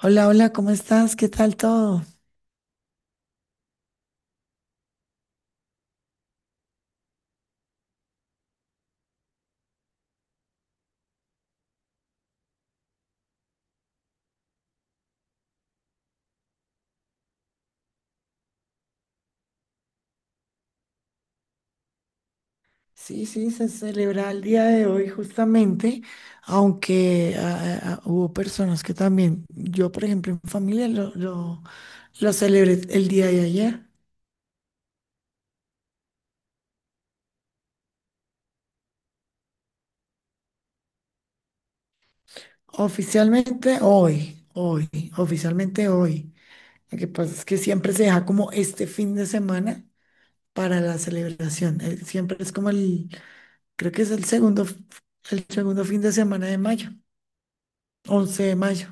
Hola, hola, ¿cómo estás? ¿Qué tal todo? Sí, sí, se celebra el día de hoy justamente, aunque hubo personas que también, yo por ejemplo en familia lo celebré el día de ayer, oficialmente oficialmente hoy. Lo que pasa es que siempre se deja como este fin de semana para la celebración, siempre es como creo que es el el segundo fin de semana de mayo, 11 de mayo.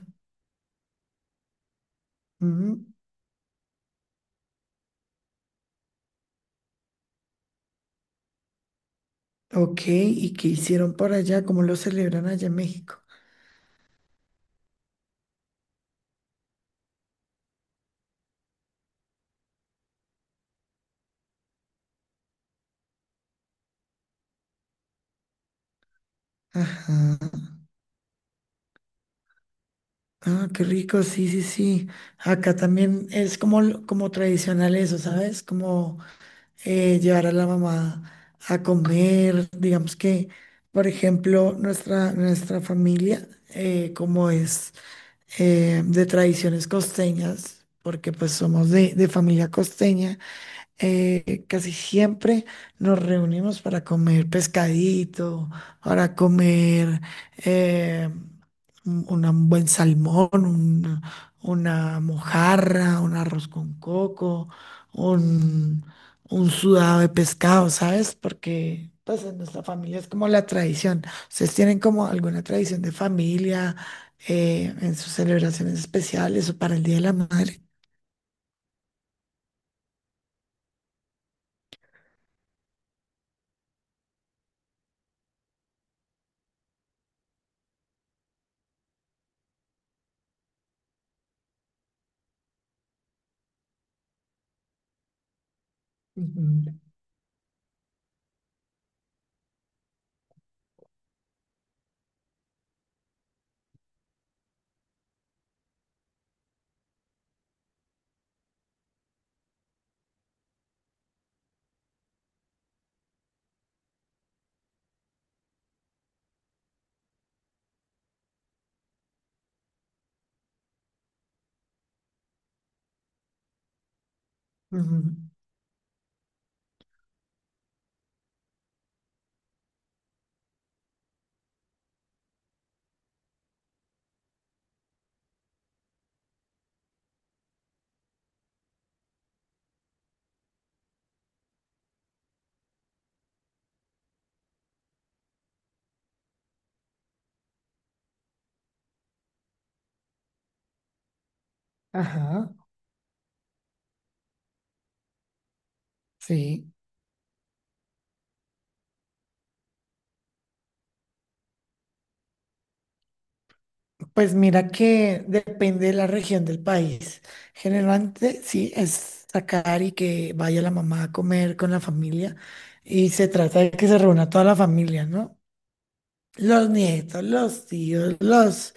Ok, ¿y qué hicieron por allá? ¿Cómo lo celebran allá en México? Ajá. Ah, qué rico, sí, sí, sí. Acá también es como, como tradicional eso, ¿sabes? Como llevar a la mamá a comer, digamos que, por ejemplo, nuestra familia, como es de tradiciones costeñas, porque pues somos de familia costeña. Eh, casi siempre nos reunimos para comer pescadito, para comer eh, un, un buen salmón, una mojarra, un arroz con coco, un, un sudado de pescado, ¿sabes? Porque pues en nuestra familia es como la tradición. ¿Ustedes tienen como alguna tradición de familia en sus celebraciones especiales o para el Día de la Madre? Ujú, ujú. Ajá. Sí, pues mira que depende de la región del país. Generalmente sí es sacar y que vaya la mamá a comer con la familia y se trata de que se reúna toda la familia, ¿no? Los nietos, los tíos,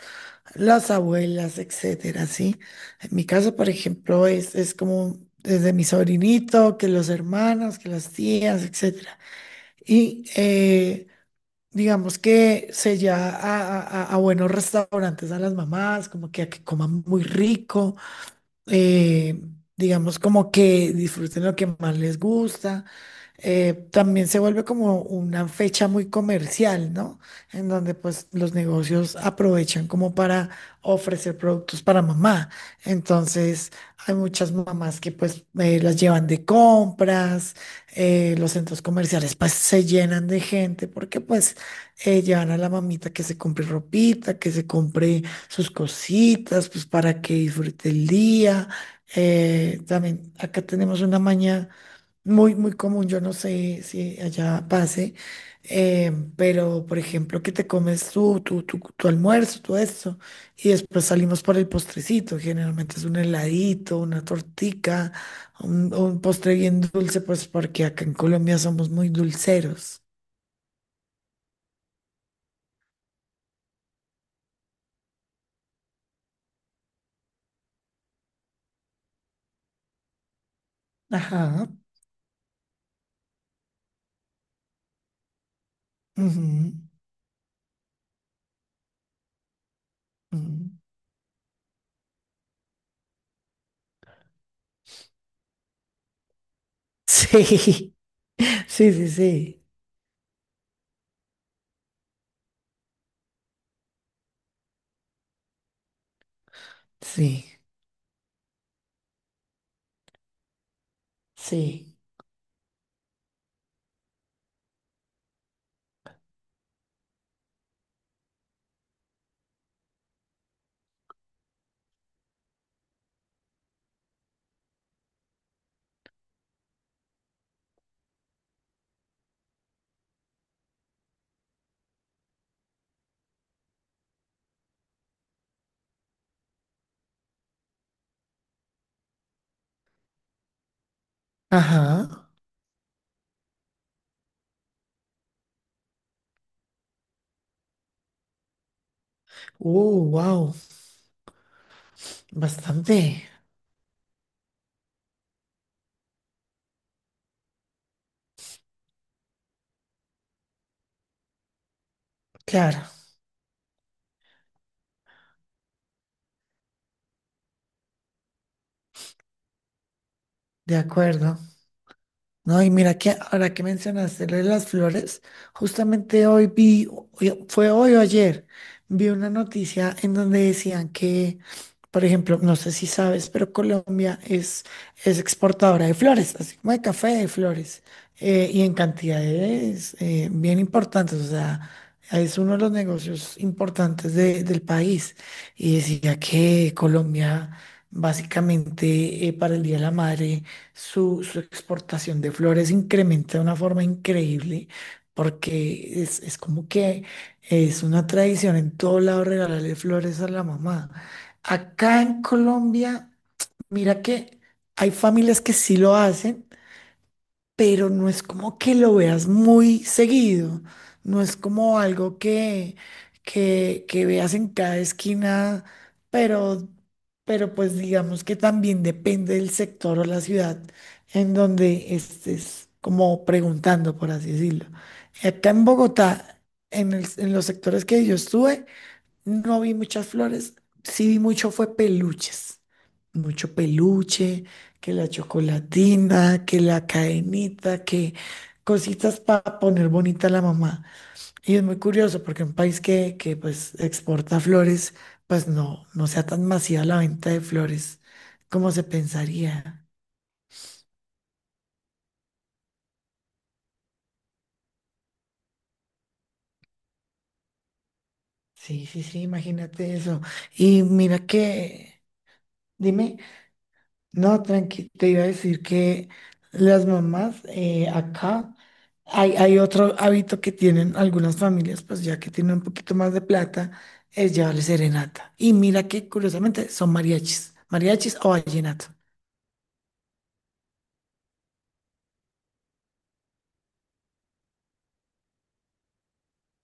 las abuelas, etcétera, ¿sí? En mi caso, por ejemplo, es como desde mi sobrinito, que los hermanos, que las tías, etcétera. Y digamos que se ya a buenos restaurantes a las mamás, como que a que coman muy rico, eh, digamos como que disfruten lo que más les gusta. También se vuelve como una fecha muy comercial, ¿no? En donde pues los negocios aprovechan como para ofrecer productos para mamá. Entonces hay muchas mamás que pues las llevan de compras, los centros comerciales pues se llenan de gente porque pues llevan a la mamita que se compre ropita, que se compre sus cositas, pues para que disfrute el día. También acá tenemos una maña muy, muy común, yo no sé si allá pase, pero por ejemplo, que te comes tu almuerzo, todo eso y después salimos por el postrecito, generalmente es un heladito, una tortica, un postre bien dulce, pues porque acá en Colombia somos muy dulceros. Ajá. Ujú, ujú. Sí, sí, sí, sí, sí, sí. Ajá. Wow, bastante. Claro, de acuerdo. No, y mira que ahora que mencionaste lo de las flores, justamente hoy vi, fue hoy o ayer, vi una noticia en donde decían que, por ejemplo, no sé si sabes, pero Colombia es exportadora de flores, así como de café de flores, y en cantidades bien importantes, o sea, es uno de los negocios importantes del país. Y decía que Colombia, básicamente, para el Día de la Madre, su exportación de flores incrementa de una forma increíble porque es como que es una tradición en todo lado regalarle flores a la mamá. Acá en Colombia, mira que hay familias que sí lo hacen pero no es como que lo veas muy seguido, no es como algo que veas en cada esquina, pero, pero pues digamos que también depende del sector o la ciudad en donde estés como preguntando, por así decirlo. Acá en Bogotá, en los sectores que yo estuve, no vi muchas flores, sí vi mucho fue peluches, mucho peluche, que la chocolatina, que la cadenita, que cositas para poner bonita a la mamá. Y es muy curioso porque un país que pues exporta flores, pues no, no sea tan masiva la venta de flores como se pensaría. Sí, sí, sí, imagínate eso. Y mira que, dime. No, tranqui, te iba a decir que las mamás acá hay otro hábito que tienen algunas familias, pues ya que tienen un poquito más de plata, es llevarle serenata. Y mira que curiosamente son mariachis, mariachis o vallenato.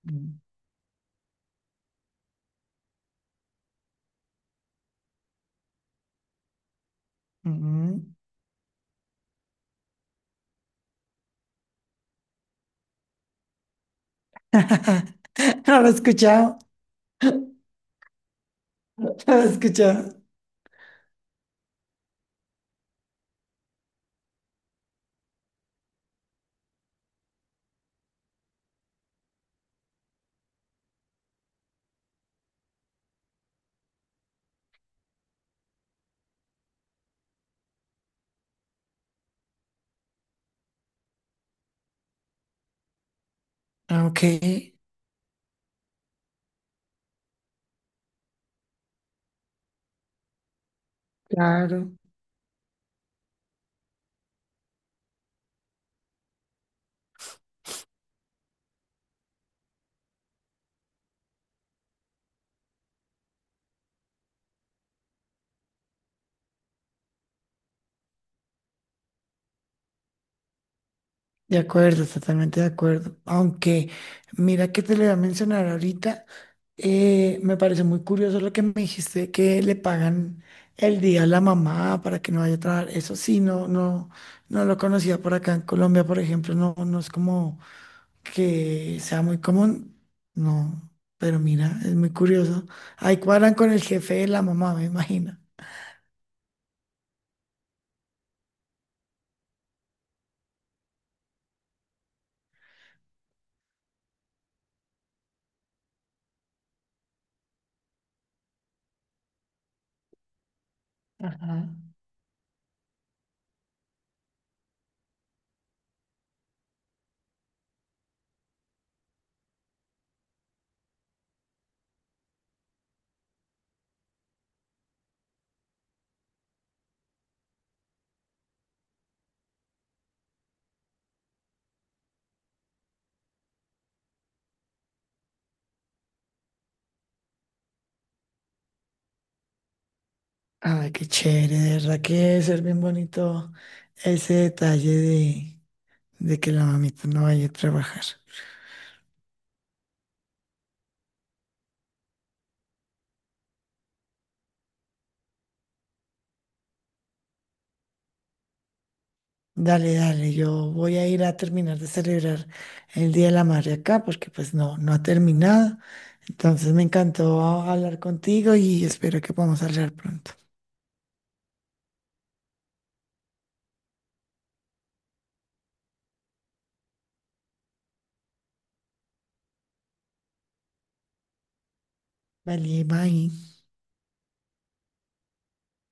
Mm, mm. No lo he escuchado, no lo he escuchado. Ah, ok, claro. De acuerdo, totalmente de acuerdo. Aunque, mira que te le voy a mencionar ahorita, me parece muy curioso lo que me dijiste, que le pagan el día a la mamá para que no vaya a trabajar. Eso sí, no, no, no lo conocía por acá en Colombia, por ejemplo, no, no es como que sea muy común. No, pero mira, es muy curioso. Ahí cuadran con el jefe de la mamá, me imagino. Ajá. Ay, qué chévere, de verdad que debe ser bien bonito ese detalle de que la mamita no vaya a trabajar. Dale, dale, yo voy a ir a terminar de celebrar el Día de la Madre acá, porque pues no, no ha terminado. Entonces me encantó hablar contigo y espero que podamos hablar pronto. Vale, bye.